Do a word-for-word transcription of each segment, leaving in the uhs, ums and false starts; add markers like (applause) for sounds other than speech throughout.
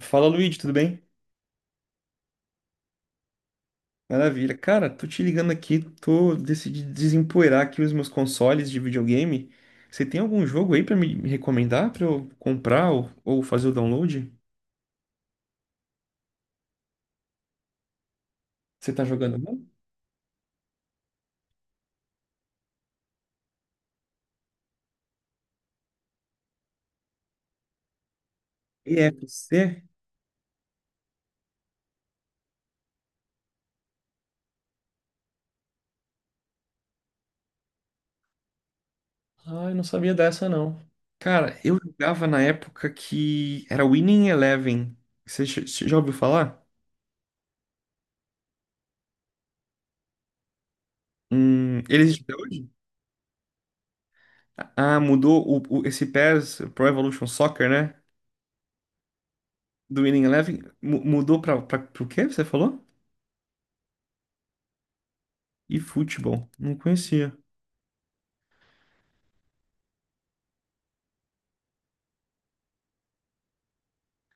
Fala, Luigi, tudo bem? Maravilha. Cara, tô te ligando aqui, tô decidi desempoeirar aqui os meus consoles de videogame. Você tem algum jogo aí pra me me recomendar pra eu comprar ou, ou fazer o download? Você tá jogando algum? E F C? Ah, eu não sabia dessa não. Cara, eu jogava na época que era Winning Eleven. Você já você já ouviu falar? Hum, ele existe até hoje? Ah, mudou o, o- esse pês, Pro Evolution Soccer, né? Do Winning Eleven, mu- mudou pra, pra, pro quê? Você falou? E futebol? Não conhecia.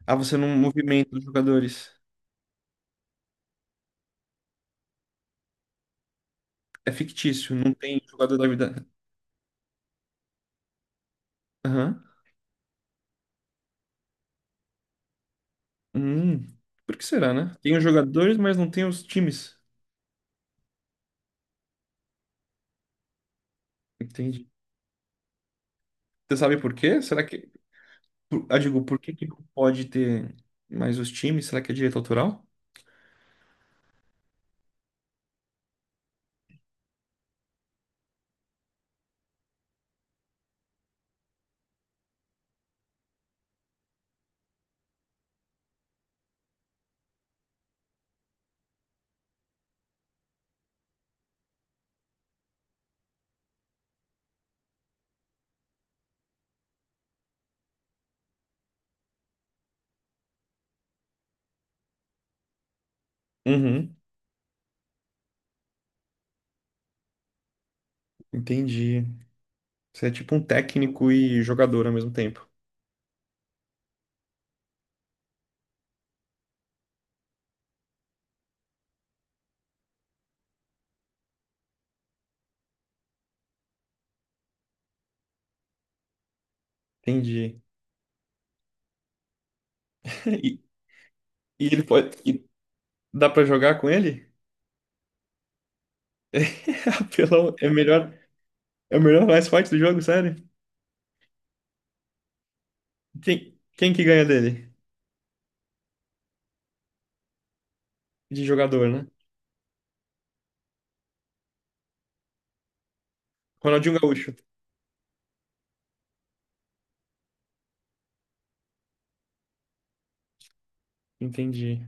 Ah, você não movimenta os jogadores. É fictício, não tem jogador da vida. Aham. Hum, por que será, né? Tem os jogadores, mas não tem os times. Entendi. Você sabe por quê? Será que. por- Ah, digo, por que que não pode ter mais os times? Será que é direito autoral? Uhum, entendi. Você é tipo um técnico e jogador ao mesmo tempo. Entendi. (laughs) E, e ele pode, e dá pra jogar com ele? (laughs) É, apelão, é melhor. É o melhor mais forte do jogo, sério? Quem, quem que ganha dele? De jogador, né? Ronaldinho Gaúcho. Entendi.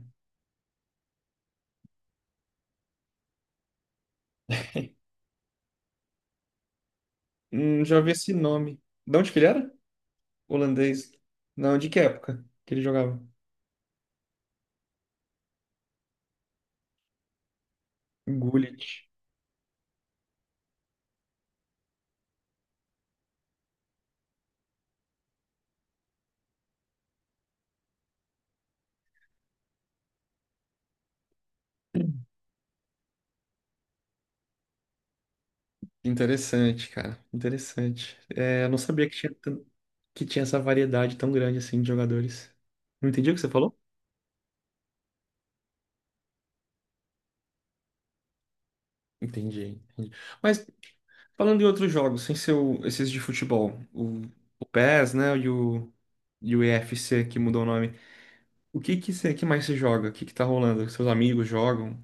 Hum, já vi esse nome. De onde que ele era? Holandês. Não, de que época que ele jogava? Gullit. Interessante, cara. Interessante. É, eu não sabia que tinha, tan- que tinha essa variedade tão grande assim de jogadores. Não entendi o que você falou? Entendi, entendi. Mas falando em outros jogos, sem ser o- esses de futebol, o, o pês, né, e o, e o E F C que mudou o nome. O que que, cê- que mais você joga? O que que tá rolando? Seus amigos jogam?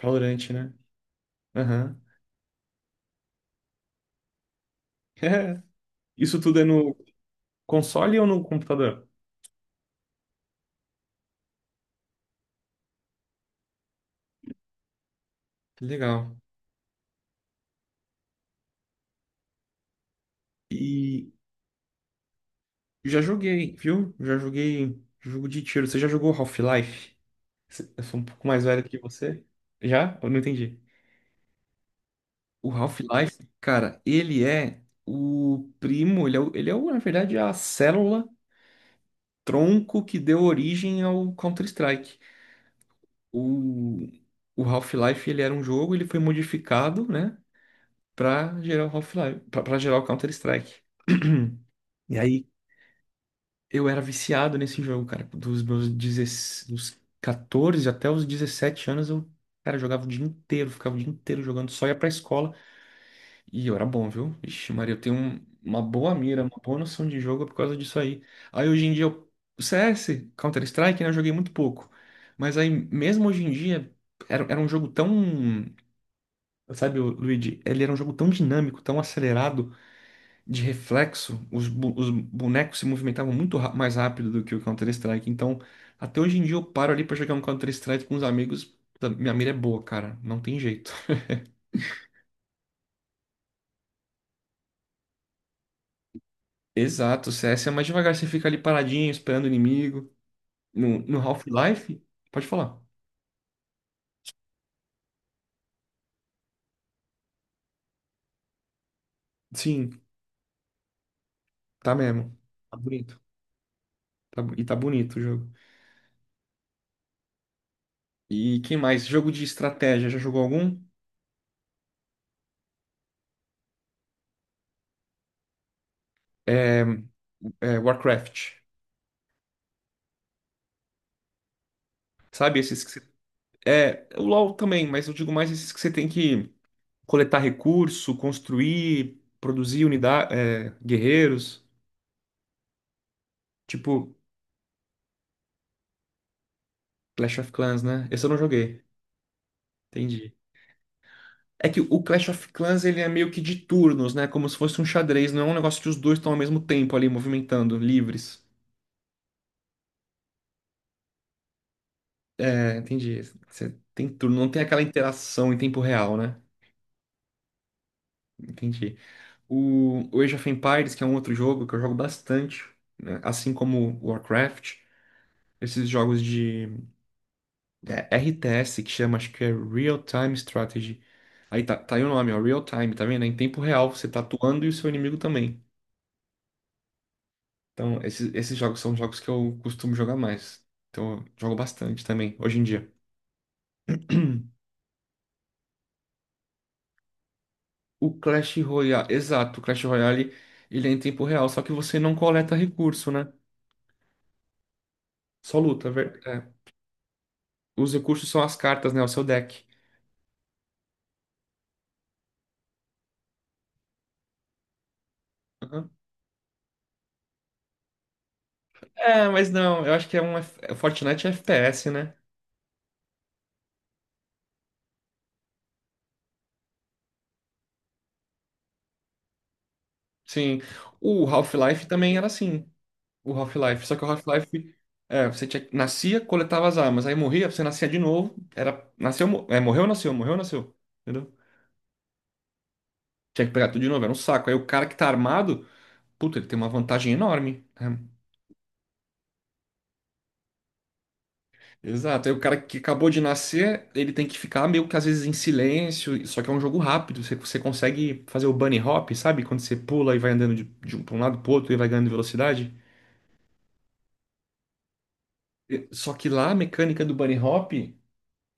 Valorant, né? Aham. (laughs) É. Isso tudo é no console ou no computador? Que legal. E já joguei, viu? Já joguei jogo de tiro. Você já jogou Half-Life? Cê- Eu sou um pouco mais velho que você. Já? Eu não entendi. O Half-Life, cara, ele é o primo, ele é, o- ele é o, na verdade, a célula tronco que deu origem ao Counter-Strike. O, o Half-Life ele era um jogo, ele foi modificado, né, para gerar o Half-Life, para gerar o Counter-Strike. (clears throat) E aí eu era viciado nesse jogo, cara. Dos meus dezesseis, dos catorze até os dezessete anos eu, cara, jogava o dia inteiro, ficava o dia inteiro jogando, só ia pra escola e eu era bom, viu? Ixi, Maria, eu tenho um- uma boa mira, uma boa noção de jogo por causa disso aí. Aí hoje em dia eu, o C S, Counter-Strike, né, eu joguei muito pouco. Mas aí mesmo hoje em dia era, era um jogo tão... Sabe, o Luigi, ele era um jogo tão dinâmico, tão acelerado, de reflexo, os, bu- os bonecos se movimentavam muito ra- mais rápido do que o Counter-Strike. Então, até hoje em dia eu paro ali pra jogar um Counter-Strike com os amigos. Puta, minha mira é boa, cara, não tem jeito. (laughs) Exato, o C S é mais devagar, você fica ali paradinho, esperando o inimigo. No, no Half-Life, pode falar. Sim, tá mesmo. Tá bonito. Tá bo- e tá bonito o jogo. E quem mais? Jogo de estratégia, já jogou algum? É, é, Warcraft. Sabe esses que você... É, o LoL também, mas eu digo mais esses que você tem que coletar recurso, construir, produzir unidade, guerreiros, tipo Clash of Clans, né? Esse eu não joguei, entendi. É que o Clash of Clans ele é meio que de turnos, né? Como se fosse um xadrez, não é um negócio que os dois estão ao mesmo tempo ali movimentando, livres. É, entendi. Você tem turno, não tem aquela interação em tempo real, né? Entendi. O, o Age of Empires, que é um outro jogo que eu jogo bastante, né? Assim como o Warcraft. Esses jogos de é, R T S que chama, acho que é Real Time Strategy. Aí tá, tá aí o nome, ó, Real Time, tá vendo? É em tempo real, você tá atuando e o seu inimigo também. Então, esses, esses jogos são jogos que eu costumo jogar mais. Então, eu jogo bastante também, hoje em dia. O Clash Royale, exato, o Clash Royale, ele é em tempo real, só que você não coleta recurso, né? Só luta, ver- é. Os recursos são as cartas, né? O seu deck. Aham. É, mas não, eu acho que é um. F- Fortnite é F P S, né? Sim. O Half-Life também era assim. O Half-Life. Só que o Half-Life. É, você tinha, nascia, coletava as armas. Aí morria, você nascia de novo. Era, nasceu, mo- é, morreu, nasceu, morreu, nasceu. Entendeu? Tinha que pegar tudo de novo, era um saco. Aí o cara que tá armado, puta, ele tem uma vantagem enorme, né? Exato. Aí o cara que acabou de nascer, ele tem que ficar meio que às vezes em silêncio. Só que é um jogo rápido. Você, você consegue fazer o bunny hop, sabe? Quando você pula e vai andando de, de um, pra um lado pro outro e vai ganhando velocidade. E- Só que lá a mecânica do bunny hop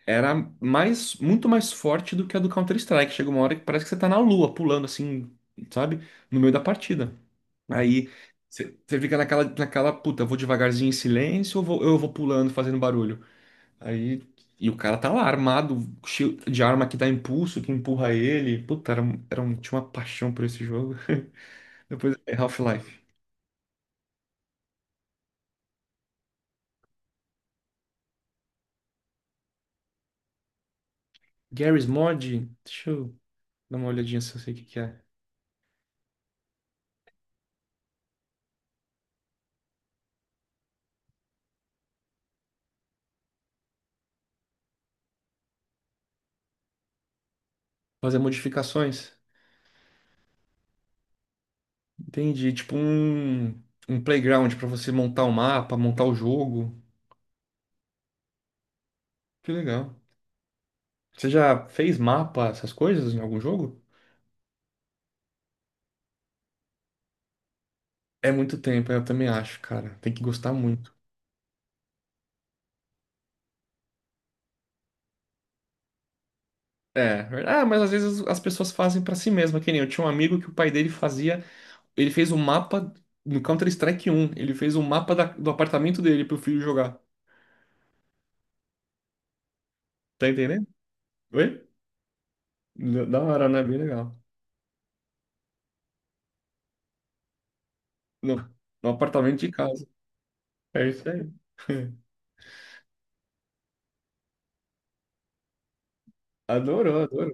era mais, muito mais forte do que a do Counter-Strike. Chega uma hora que parece que você tá na lua, pulando assim, sabe? No meio da partida. Aí você você fica naquela, naquela, puta, eu vou devagarzinho em silêncio ou vou- eu vou pulando, fazendo barulho? Aí. E o cara tá lá armado, cheio de arma que dá impulso, que empurra ele. Puta, era, um- era um, tinha uma paixão por esse jogo. (laughs) Depois, é Half-Life. Garry's Mod, deixa eu dar uma olhadinha se eu sei o que que é. Fazer modificações. Entendi. Tipo um, um playground pra você montar o mapa, montar o jogo. Que legal. Você já fez mapa, essas coisas em algum jogo? É muito tempo, eu também acho, cara. Tem que gostar muito. É, ver- ah, mas às vezes as pessoas fazem pra si mesma, que nem eu tinha um amigo que o pai dele fazia, ele fez um mapa no Counter-Strike um. Ele fez um mapa da- do apartamento dele pro filho jogar. Tá entendendo? Oi? Da da hora, né? Bem legal. No, no apartamento de casa. É isso aí. (laughs) Adorou, adorou.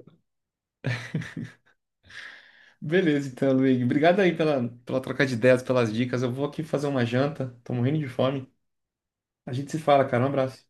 Beleza, então, Luigi. Obrigado aí pela, pela troca de ideias, pelas dicas. Eu vou aqui fazer uma janta. Tô morrendo de fome. A gente se fala, cara. Um abraço.